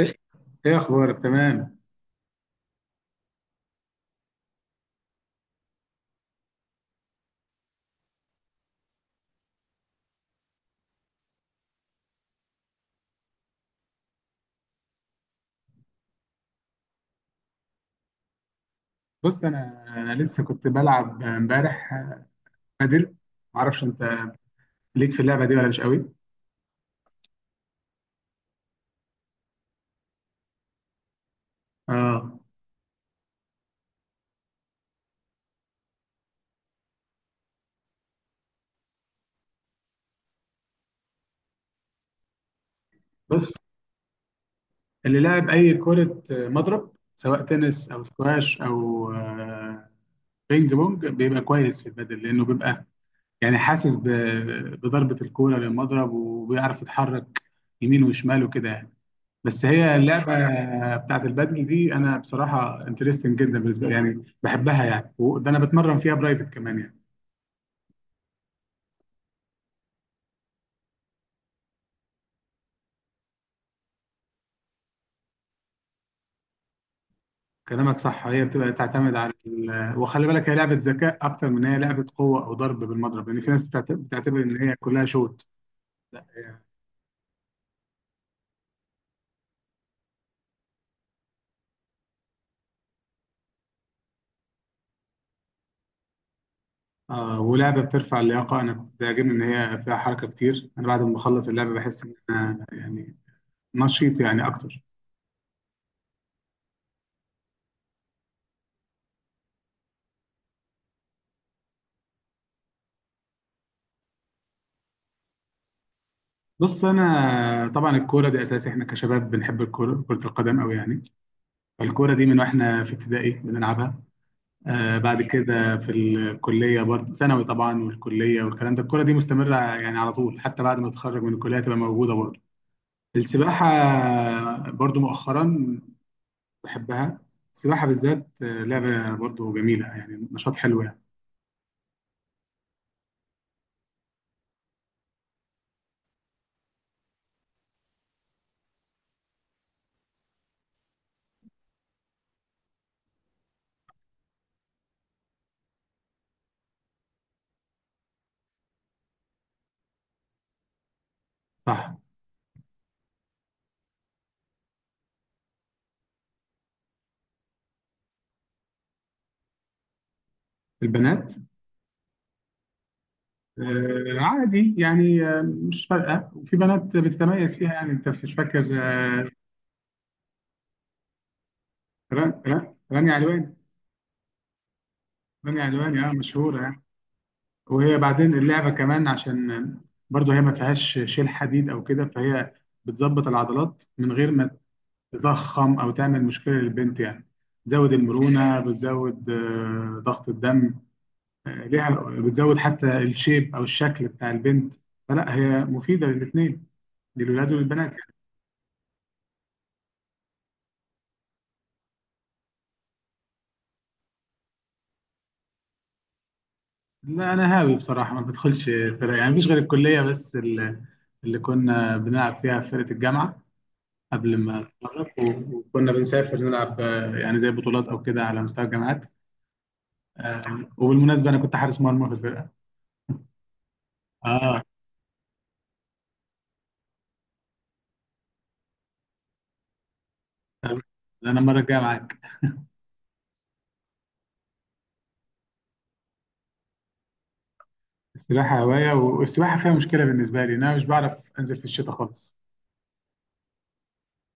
ايه ايه اخبارك تمام؟ بص انا لسه كنت بلعب امبارح بادل. معرفش انت ليك في اللعبه دي ولا مش قوي؟ اه، بص، اللي لعب اي كره مضرب سواء تنس او سكواش او بينج بونج بيبقى كويس في البادل، لانه بيبقى يعني حاسس بضربه الكوره للمضرب، وبيعرف يتحرك يمين وشمال وكده يعني. بس هي اللعبه بتاعت البادل دي انا بصراحه انترستنج جدا بالنسبه لي، يعني بحبها يعني، وده انا بتمرن فيها برايفت كمان يعني. كلامك صح، هي بتبقى تعتمد على وخلي بالك هي لعبه ذكاء اكتر من هي لعبه قوه او ضرب بالمضرب، لان في ناس بتعتبر ان هي كلها شوت. لا هي- آه، ولعبه بترفع اللياقه، انا كنت بيعجبني ان هي فيها حركه كتير. انا بعد ما بخلص اللعبه بحس ان انا يعني نشيط يعني اكتر. بص انا طبعا الكوره دي اساسي، احنا كشباب بنحب الكوره، كره القدم قوي يعني. الكورة دي من واحنا في ابتدائي بنلعبها. آه، بعد كده في الكلية برضه، ثانوي طبعا والكلية والكلام ده الكورة دي مستمرة يعني على طول، حتى بعد ما تتخرج من الكلية تبقى موجودة برضه. السباحة برضه مؤخرا بحبها. السباحة بالذات لعبة برضه جميلة يعني، نشاط حلو يعني. صح. البنات؟ آه، عادي يعني، آه مش فارقة، وفي بنات بتتميز فيها يعني، انت مش فاكر؟ آه، رانيا علواني. رانيا علواني اه مشهورة. وهي بعدين اللعبة كمان عشان برضو هي ما فيهاش شيل حديد أو كده، فهي بتظبط العضلات من غير ما تضخم أو تعمل مشكلة للبنت يعني. بتزود المرونة، بتزود ضغط الدم ليها، بتزود حتى الشيب أو الشكل بتاع البنت. فلا، هي مفيدة للاتنين، للولاد وللبنات يعني. لا، أنا هاوي بصراحة، ما بدخلش فرق يعني. مفيش غير الكلية بس، اللي كنا بنلعب فيها في فرقة الجامعة قبل ما اتخرج. وكنا بنسافر نلعب يعني زي بطولات او كده على مستوى الجامعات. آه، وبالمناسبه انا كنت حارس مرمى في الفرقه. اه. تمام. انا المره الجايه معاك. السباحه هوايه، والسباحه فيها مشكله بالنسبه لي إن انا مش بعرف انزل في الشتاء خالص،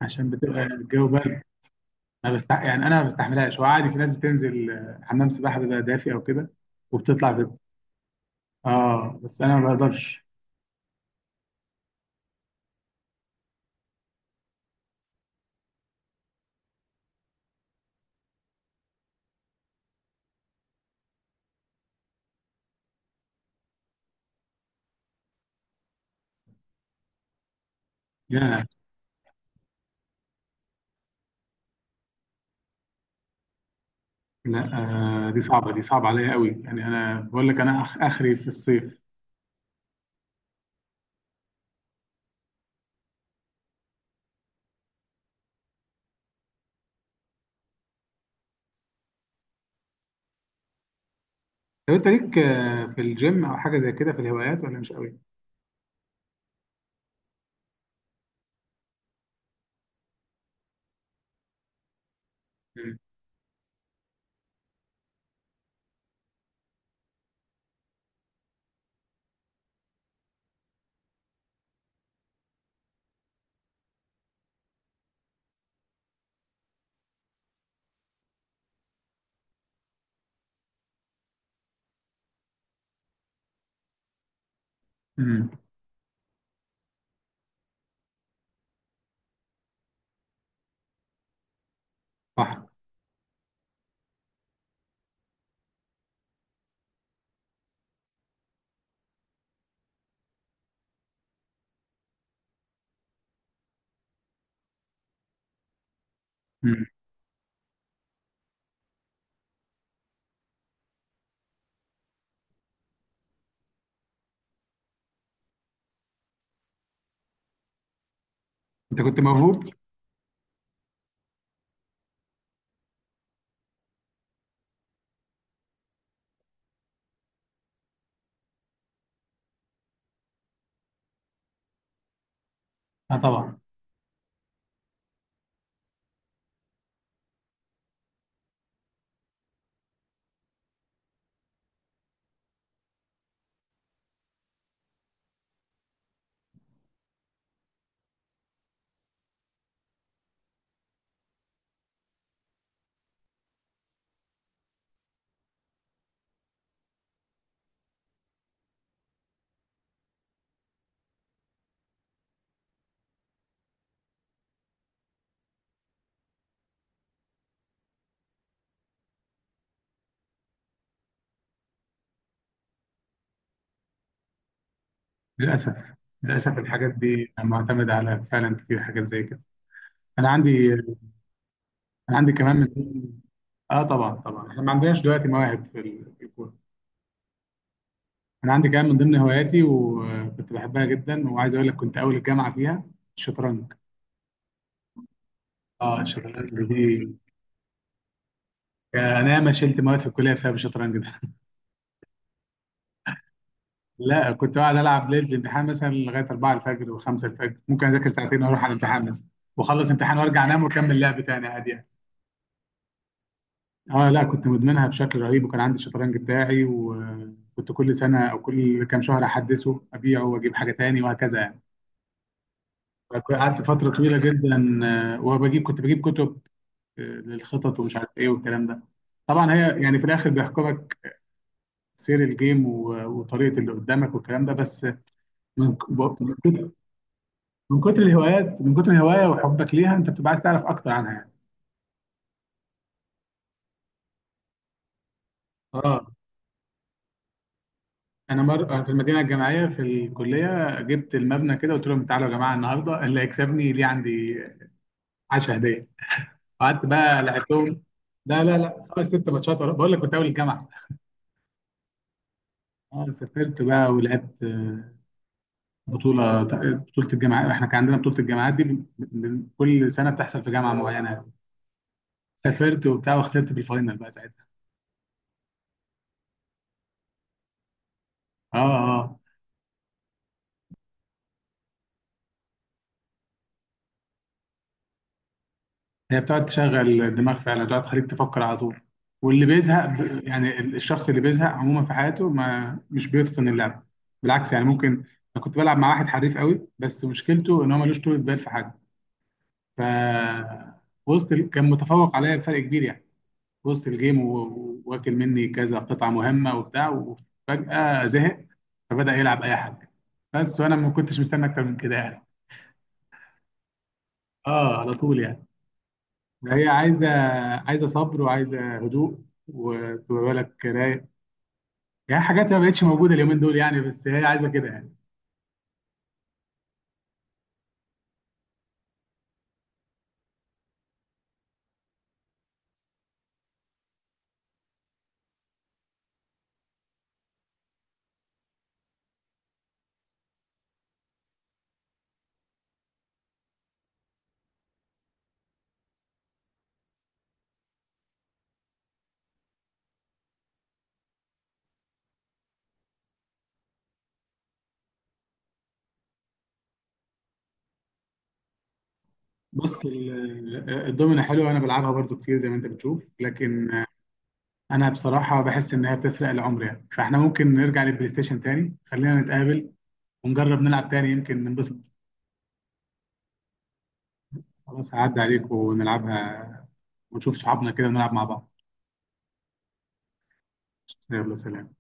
عشان بتبقى الجو برد. انا يعني انا ما بستحملهاش. وعادي في ناس بتنزل، حمام سباحه بيبقى دافي او كده وبتطلع بيبقى. اه بس انا ما بقدرش. لا، لا، آه دي صعبه، دي صعبه عليا قوي يعني. انا بقول لك انا اخري في الصيف. طب انت ليك في الجيم او حاجه زي كده في الهوايات، ولا مش قوي؟ مم. مم. صح. مم. انت كنت موهوب. اه طبعا. للاسف، للاسف الحاجات دي معتمده على فعلا كتير حاجات زي كده. انا عندي. انا عندي كمان من ضمن. اه طبعا طبعا، احنا ما عندناش دلوقتي مواهب في الكوره. انا عندي كمان من ضمن هواياتي، وكنت بحبها جدا، وعايز اقول لك كنت اول الجامعه فيها: الشطرنج. اه الشطرنج دي، انا ما شلت مواد في الكليه بسبب الشطرنج ده. لا، كنت قاعد العب ليله الامتحان مثلا لغايه 4 الفجر و5 الفجر، ممكن اذاكر ساعتين واروح على الامتحان مثلا، واخلص امتحان وارجع انام واكمل لعب تاني عادي يعني. اه لا، كنت مدمنها بشكل رهيب، وكان عندي الشطرنج بتاعي، وكنت كل سنه او كل كام شهر احدثه، ابيعه واجيب حاجه تاني وهكذا يعني. قعدت فتره طويله جدا، وبجيب، كنت بجيب كتب للخطط ومش عارف ايه والكلام ده. طبعا هي يعني في الاخر بيحكمك سير الجيم، وطريقه اللي قدامك والكلام ده. بس من من كتر الهوايات، من كتر الهوايه وحبك ليها، انت بتبقى عايز تعرف اكتر عنها يعني. اه. انا أنا في المدينه الجامعيه في الكليه جبت المبنى كده، قلت لهم تعالوا يا جماعه النهارده، اللي هيكسبني ليه عندي 10 هديه. قعدت بقى لعبتهم. لا لا لا، خمس ست ماتشات بقول لك كنت اول الجامعه. اه، سافرت بقى ولعبت، بطوله، بطوله الجامعات، احنا كان عندنا بطوله الجامعات دي كل سنه بتحصل في جامعه معينه. سافرت وبتاع، وخسرت في الفاينل بقى ساعتها. اه، اه. هي بتقعد تشغل الدماغ فعلا، بتقعد تخليك تفكر على طول. واللي يعني الشخص اللي بيزهق عموما في حياته، ما مش بيتقن اللعبة. بالعكس يعني، ممكن. انا كنت بلعب مع واحد حريف قوي، بس مشكلته ان هو ملوش طولة بال في حاجة. ف كان متفوق عليا بفرق كبير يعني، وسط الجيم، واكل مني كذا قطعة مهمة وبتاع، وفجأة زهق، فبدأ يلعب اي حاجة بس، وانا ما كنتش مستني اكتر من كده يعني. اه على طول يعني. هي عايزه، عايزه صبر، وعايزه هدوء، وتبقى بالك رايق يعني. حاجات ما بقتش موجوده اليومين دول يعني، بس هي عايزه كده يعني. بص الدومينه حلوه، انا بلعبها برضو كتير زي ما انت بتشوف، لكن انا بصراحه بحس ان هي بتسرق العمر يعني. فاحنا ممكن نرجع للبلاي ستيشن تاني، خلينا نتقابل ونجرب نلعب تاني يمكن ننبسط. خلاص، هعدي عليك ونلعبها، ونشوف صحابنا كده ونلعب مع بعض. يلا، سلام.